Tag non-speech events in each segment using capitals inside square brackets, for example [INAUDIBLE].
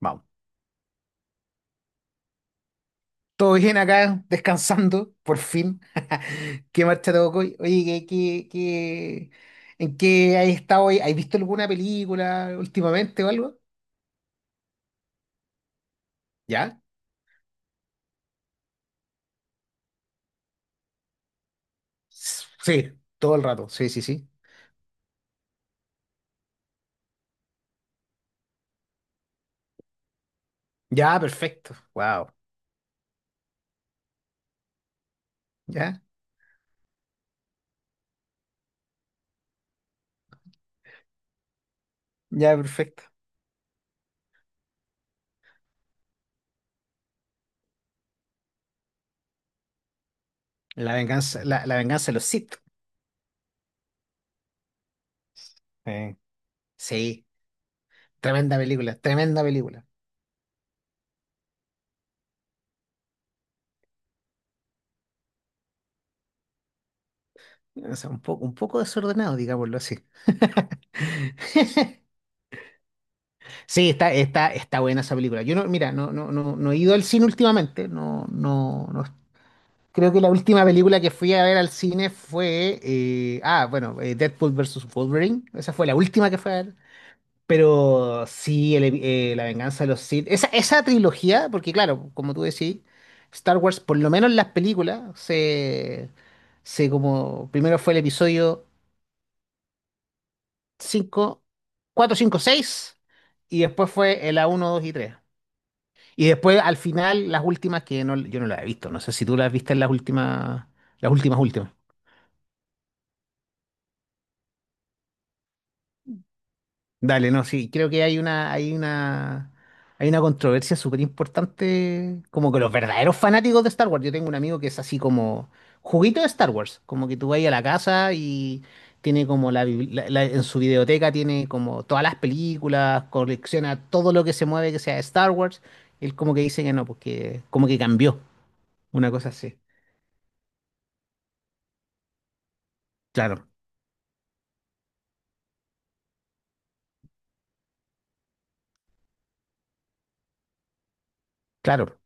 Vamos. Todo bien acá, descansando, por fin. [LAUGHS] ¿Qué marcha te tocó hoy? Oye, ¿en qué has estado hoy? ¿Has visto alguna película últimamente o algo? ¿Ya? Sí, todo el rato. Sí, sí, sí. Ya, perfecto. Wow. Ya, ya, perfecto. La venganza de los Sith. Eh, Sí, tremenda película, tremenda película. O sea, un poco desordenado, digámoslo así. [LAUGHS] Sí, está buena esa película. Yo no, mira, no he ido al cine últimamente. No, no, no. Creo que la última película que fui a ver al cine fue, bueno, Deadpool versus Wolverine. Esa fue la última que fui a ver. Pero sí, La Venganza de los Sith. Esa trilogía, porque claro, como tú decís, Star Wars, por lo menos en las películas, se como, primero fue el episodio 5, 4, 5, 6, y después fue el a uno, 2 y 3. Y después, al final, las últimas que no, yo no las he visto. No sé si tú las viste en las últimas, últimas. Dale, no, sí, creo que hay una controversia súper importante, como que los verdaderos fanáticos de Star Wars. Yo tengo un amigo que es así como juguito de Star Wars, como que tú vas a la casa y tiene como la, bibli- la- la- en su videoteca tiene como todas las películas, colecciona todo lo que se mueve que sea de Star Wars. Él como que dice que no, porque como que cambió, una cosa así. Claro, claro,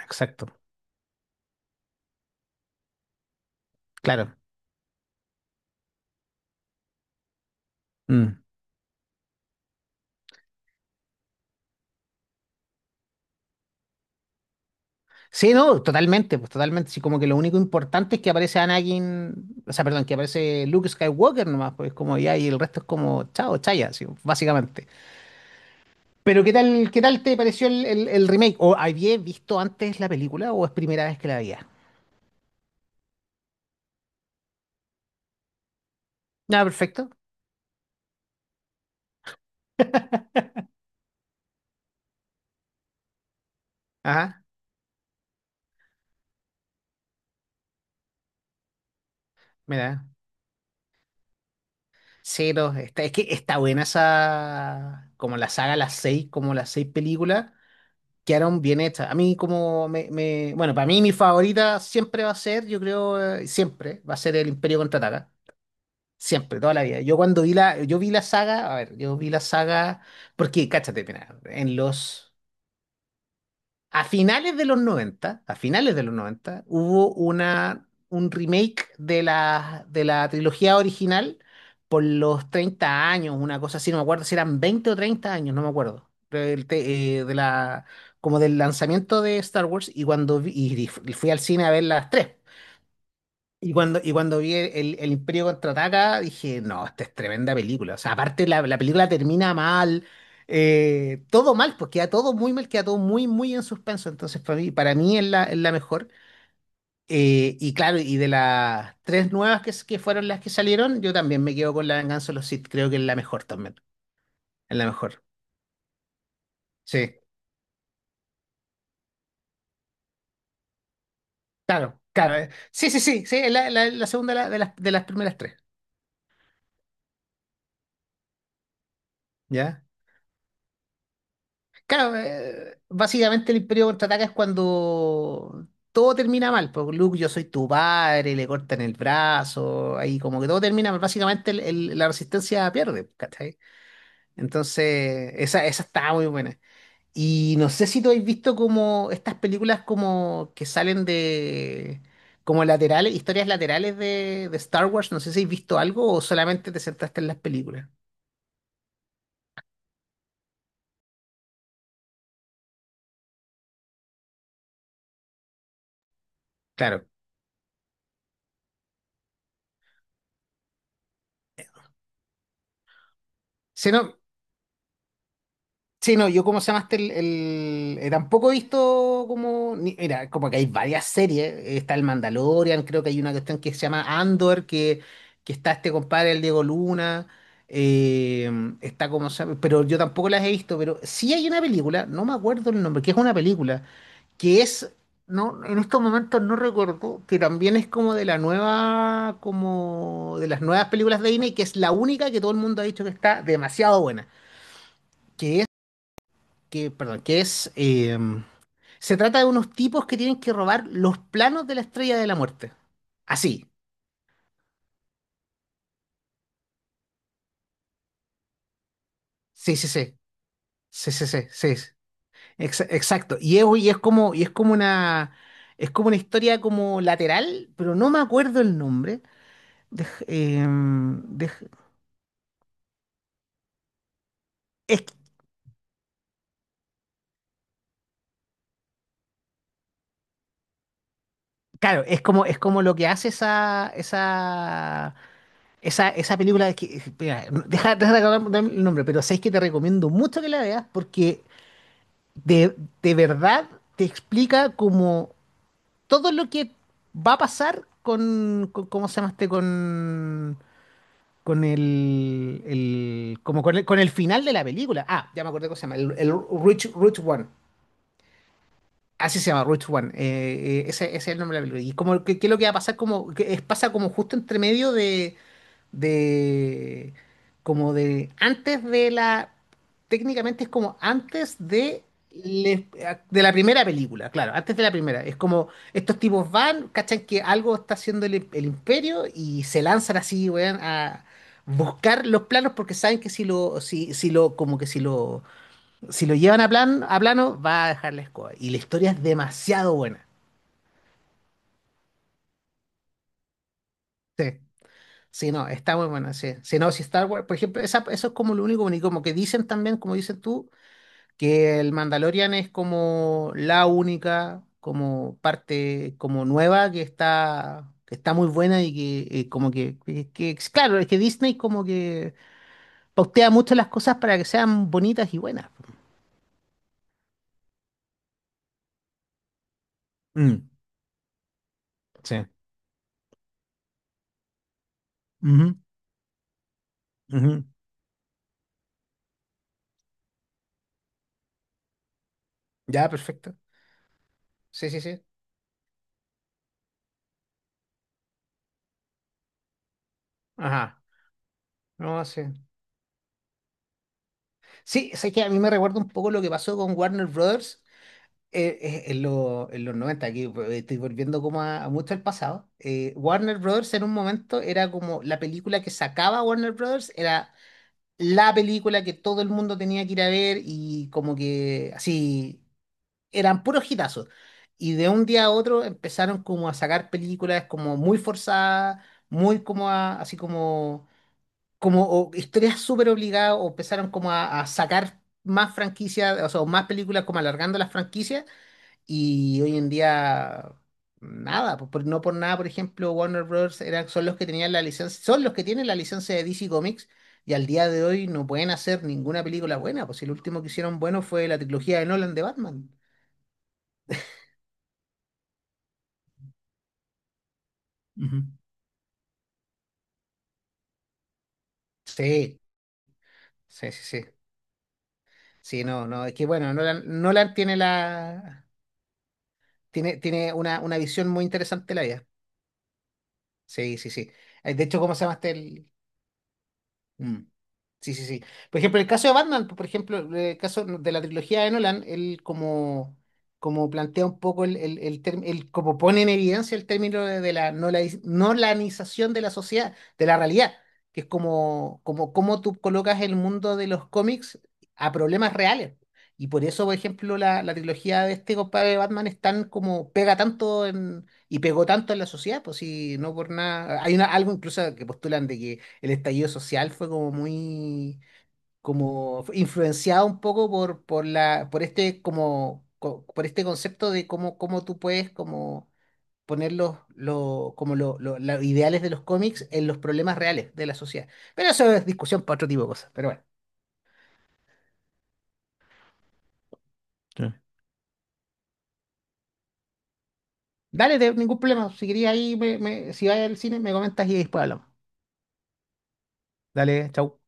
exacto. Claro. Mm. Sí, no, totalmente, pues totalmente. Sí, como que lo único importante es que aparece Anakin, o sea, perdón, que aparece Luke Skywalker nomás, pues como ya, y el resto es como, chao, chaya, así, básicamente. Pero ¿qué tal te pareció el remake? ¿O habías visto antes la película o es primera vez que la veías? Ah, perfecto. Ajá, mira. Sí, no, es que está buena esa, como la saga, las seis, como las seis películas. Quedaron bien hechas. A mí como bueno, para mí mi favorita siempre va a ser, yo creo, siempre, va a ser el Imperio Contraataca. Siempre, toda la vida. Yo cuando vi la, yo vi la saga, a ver, yo vi la saga, porque, cáchate, mira, en los a finales de los 90, a finales de los 90, hubo un remake de la trilogía original por los 30 años, una cosa así, no me acuerdo si eran 20 o 30 años, no me acuerdo. Del te- de la, como del lanzamiento de Star Wars y y fui al cine a ver las tres. Y cuando vi el Imperio Contraataca, dije, no, esta es tremenda película. O sea, aparte la película termina mal, todo mal, pues queda todo muy mal, queda todo muy, muy en suspenso. Entonces, para mí es la mejor. Y claro, y de las tres nuevas que fueron las que salieron, yo también me quedo con La Venganza de los Sith. Creo que es la mejor también. Es la mejor. Sí, claro, claro. Sí, sí, sí, sí, es la segunda de las primeras tres. ¿Ya? Claro, básicamente el Imperio Contraataca es cuando todo termina mal. Porque Luke, yo soy tu padre, le cortan el brazo, ahí como que todo termina mal. Básicamente la resistencia pierde, ¿cachai? Entonces, esa está muy buena. Y no sé si tú habéis visto como estas películas como que salen de como laterales, historias laterales de Star Wars. No sé si habéis visto algo o solamente te sentaste en las películas. Claro. Sí, no, sí, no, yo como se llamaste tampoco he visto como, mira, como que hay varias series, está el Mandalorian, creo que hay una cuestión que se llama Andor, que está este compadre, el Diego Luna, eh, está como, pero yo tampoco las he visto, pero sí hay una película, no me acuerdo el nombre, que es una película, que es, no, en estos momentos no recuerdo, que también es como de la nueva, como de las nuevas películas de Disney, que es la única que todo el mundo ha dicho que está demasiado buena que que, perdón, que es, se trata de unos tipos que tienen que robar los planos de la Estrella de la Muerte. Así. Sí, sí, sí. Sí, sí, sí, sí. Exacto. Es como una historia como lateral, pero no me acuerdo el nombre. Dej- em, dej- es, claro, es como lo que hace esa película. Que, mira, deja, de acordarme el nombre, pero sabéis que te recomiendo mucho que la veas porque de, de verdad te explica como todo lo que va a pasar ¿cómo se llama este? Con el- como con el final de la película. Ah, ya me acordé cómo se llama, el Rich One. Así se llama, Rich One. Ese es el nombre de la película. ¿Y como, que qué es lo que va a pasar? Como, pasa como justo entre medio de como de antes de la técnicamente es como antes le- de la primera película, claro, antes de la primera. Es como estos tipos van, cachan que algo está haciendo el imperio y se lanzan así, weón, a buscar los planos porque saben que si lo llevan a plano va a dejar la escoba y la historia es demasiado buena. Sí. Sí, no, está muy buena, sí. Si no, si Star Wars, por ejemplo, eso es como lo único bonito, como que dicen también, como dices tú, que el Mandalorian es como la única, como parte, como nueva, que está muy buena y que, como que, es claro, es que Disney como que pautea mucho las cosas para que sean bonitas y buenas. Mm, sí. Ujú, ujú. Ya, perfecto. Sí, sí, sí. Ajá. No, sí. Sí, sé que a mí me recuerda un poco lo que pasó con Warner Brothers en los 90 aquí, estoy volviendo como a mucho al pasado, Warner Brothers en un momento era como la película que sacaba Warner Brothers, era la película que todo el mundo tenía que ir a ver y como que así eran puros hitazos. Y de un día a otro empezaron como a sacar películas como muy forzadas, muy como así como, o historias súper obligadas o empezaron como a sacar más franquicias, o sea, más películas como alargando las franquicias. Y hoy en día, nada, pues, no por nada, por ejemplo, Warner Bros. Son los que tenían la licencia, son los que tienen la licencia de DC Comics y al día de hoy no pueden hacer ninguna película buena, pues si el último que hicieron bueno fue la trilogía de Nolan de Batman. Ujú. Sí, sí, sí, sí. Sí, no, no, es que bueno, Nolan tiene la tiene una visión muy interesante de la vida. Sí, sí, sí. De hecho, ¿cómo se llama este? Mm. Sí, sí, sí. Por ejemplo, el caso de Batman, por ejemplo, el caso de la trilogía de Nolan, él como plantea un poco como pone en evidencia el término de la nolanización de la sociedad, de la realidad, que es como tú colocas el mundo de los cómics a problemas reales. Y por eso, por ejemplo, la trilogía de este compadre de Batman es tan como y pegó tanto en la sociedad, pues si no por nada. Algo incluso que postulan de que el estallido social como fue influenciado un poco por la, por este, como, co- por este concepto de cómo tú puedes como poner los, lo- como lo- los ideales de los cómics en los problemas reales de la sociedad. Pero eso es discusión para otro tipo de cosas. Pero bueno, Sí. Dale, ningún problema. Si querías ahí, si vas al cine, me comentas y después hablamos. Dale, chau.